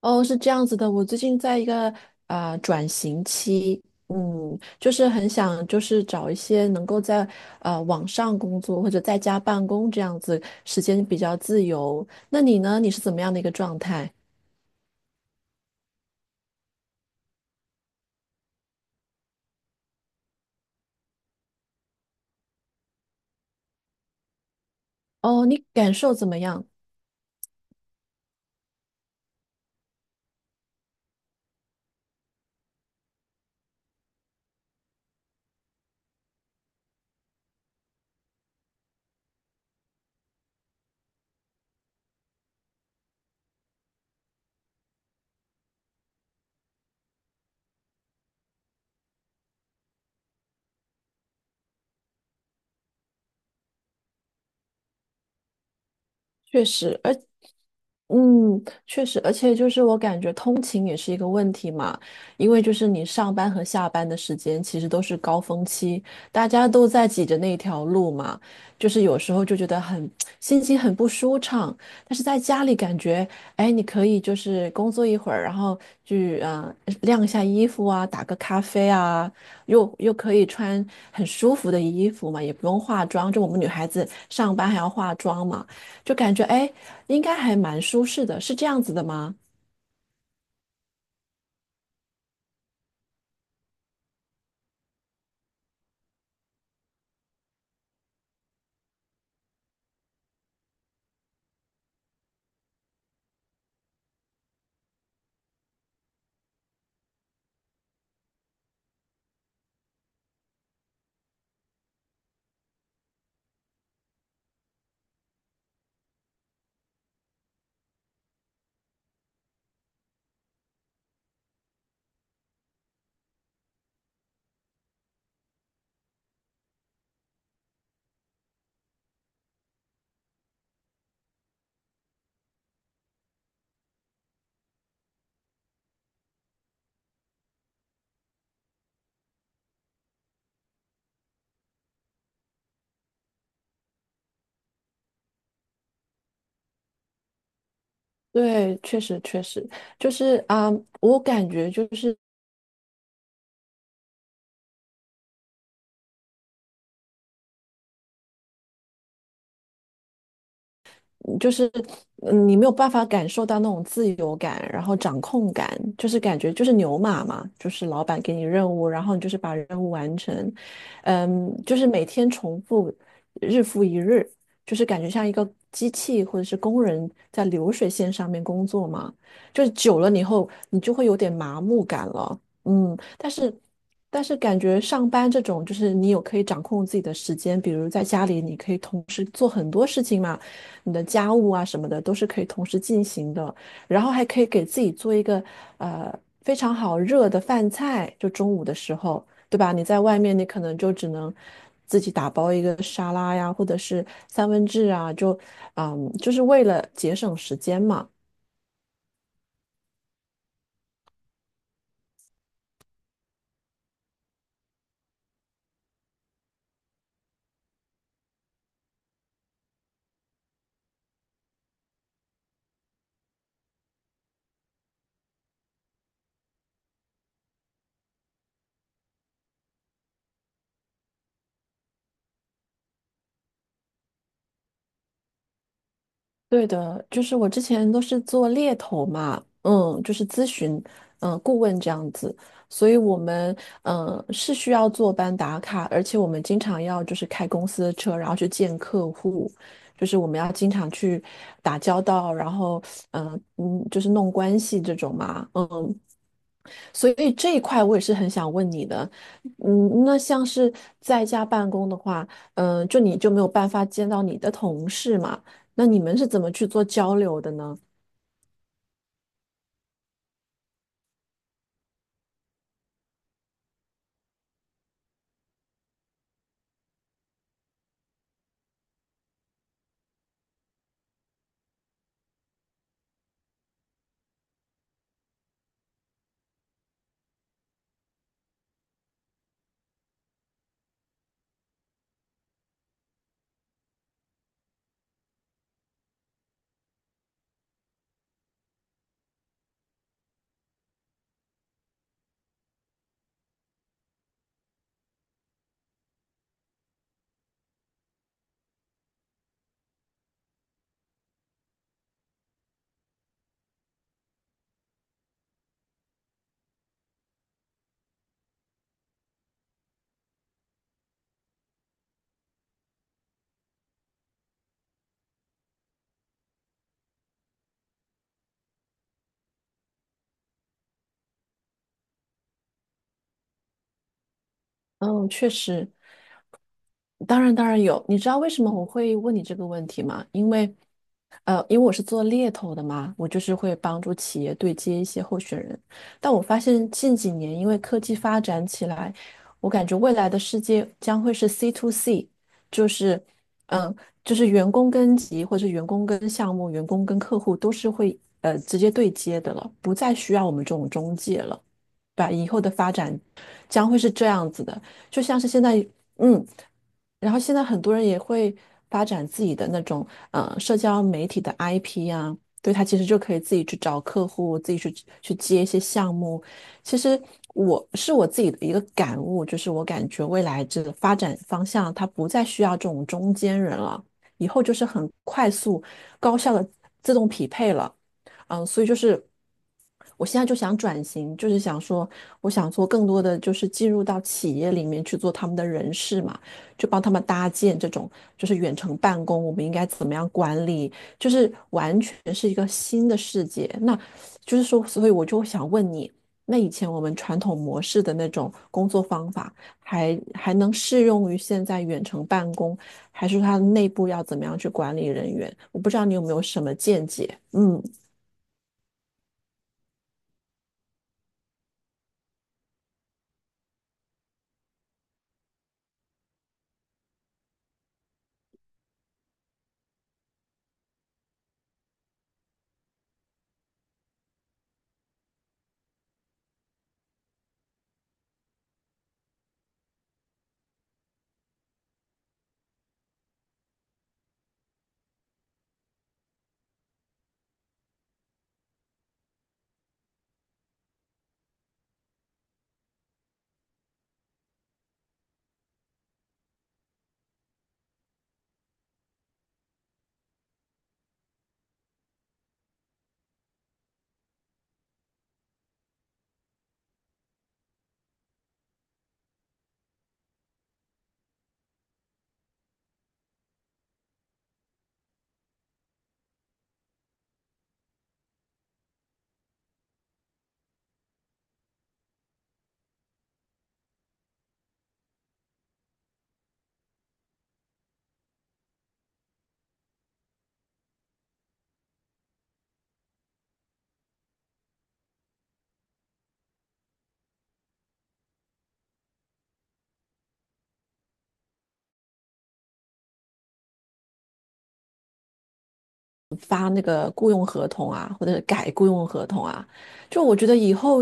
哦，是这样子的，我最近在一个转型期，就是很想找一些能够在网上工作或者在家办公这样子，时间比较自由。那你呢？你是怎么样的一个状态？哦，你感受怎么样？确实，确实，而且就是我感觉通勤也是一个问题嘛，因为就是你上班和下班的时间其实都是高峰期，大家都在挤着那条路嘛，就是有时候就觉得很 心情很不舒畅，但是在家里感觉，哎，你可以就是工作一会儿，然后去晾一下衣服啊，打个咖啡啊，又可以穿很舒服的衣服嘛，也不用化妆，就我们女孩子上班还要化妆嘛。就感觉哎，诶应该还蛮舒适的，是这样子的吗？对，确实确实，就是我感觉就是你没有办法感受到那种自由感，然后掌控感，就是感觉就是牛马嘛，就是老板给你任务，然后你就是把任务完成，就是每天重复，日复一日，就是感觉像一个机器或者是工人在流水线上面工作嘛，就是久了以后你就会有点麻木感了，嗯，但是。但是感觉上班这种，就是你有可以掌控自己的时间，比如在家里你可以同时做很多事情嘛，你的家务啊什么的都是可以同时进行的，然后还可以给自己做一个呃非常好热的饭菜，就中午的时候，对吧？你在外面你可能就只能自己打包一个沙拉呀，或者是三文治啊，就是为了节省时间嘛。对的，就是我之前都是做猎头嘛，就是咨询，顾问这样子，所以我们是需要坐班打卡，而且我们经常要就是开公司的车，然后去见客户，就是我们要经常去打交道，然后就是弄关系这种嘛，所以这一块我也是很想问你的，那像是在家办公的话，就你就没有办法见到你的同事嘛？那你们是怎么去做交流的呢？嗯，确实。当然，当然有。你知道为什么我会问你这个问题吗？因为，因为我是做猎头的嘛，我就是会帮助企业对接一些候选人。但我发现近几年，因为科技发展起来，我感觉未来的世界将会是 C to C,就是，嗯、就是员工跟级或者员工跟项目、员工跟客户都是会直接对接的了，不再需要我们这种中介了，对吧以后的发展将会是这样子的，就像是现在。嗯，然后现在很多人也会发展自己的那种社交媒体的 IP 啊，对，他其实就可以自己去找客户，自己去接一些项目。其实我是我自己的一个感悟，就是我感觉未来这个发展方向，它不再需要这种中间人了，以后就是很快速、高效的自动匹配了。所以就是我现在就想转型，就是想说，我想做更多的就是进入到企业里面去做他们的人事嘛，就帮他们搭建这种就是远程办公，我们应该怎么样管理，就是完全是一个新的世界。那就是说，所以我就想问你，那以前我们传统模式的那种工作方法还能适用于现在远程办公，还是它内部要怎么样去管理人员？我不知道你有没有什么见解？嗯。发那个雇佣合同啊，或者是改雇佣合同啊。就我觉得以后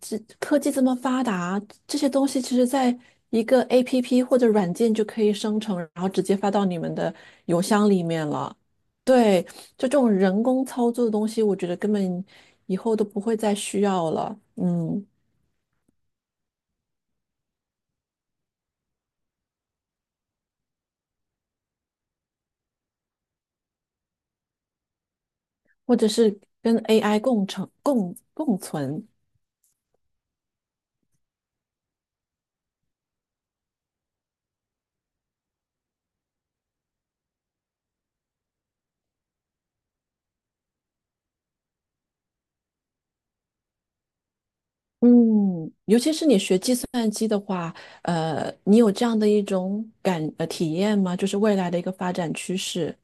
这科技这么发达，这些东西其实在一个 APP 或者软件就可以生成，然后直接发到你们的邮箱里面了。对，就这种人工操作的东西，我觉得根本以后都不会再需要了。嗯，或者是跟 AI 共成、共共存。嗯，尤其是你学计算机的话，你有这样的一种体验吗？就是未来的一个发展趋势。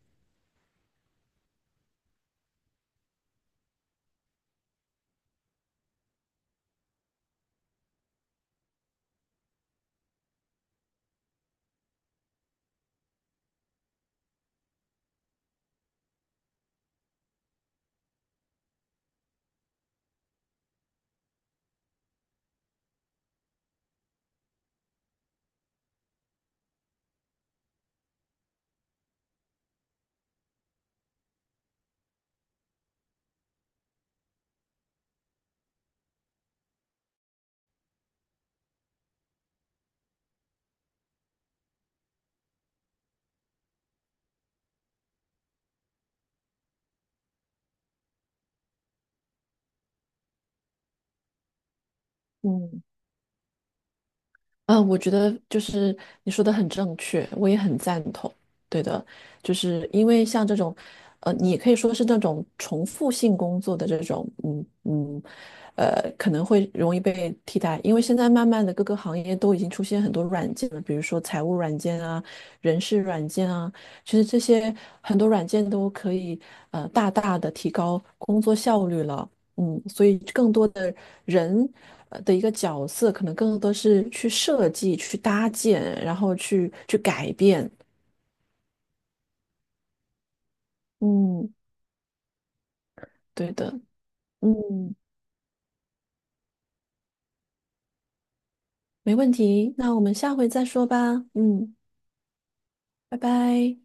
嗯。嗯，我觉得就是你说的很正确，我也很赞同。对的，就是因为像这种，你也可以说是那种重复性工作的这种，可能会容易被替代。因为现在慢慢的各个行业都已经出现很多软件了，比如说财务软件啊、人事软件啊，其实这些很多软件都可以大大的提高工作效率了。所以更多的人的一个角色，可能更多是去设计、去搭建，然后去改变。嗯，对的，嗯，没问题。那我们下回再说吧。嗯，拜拜。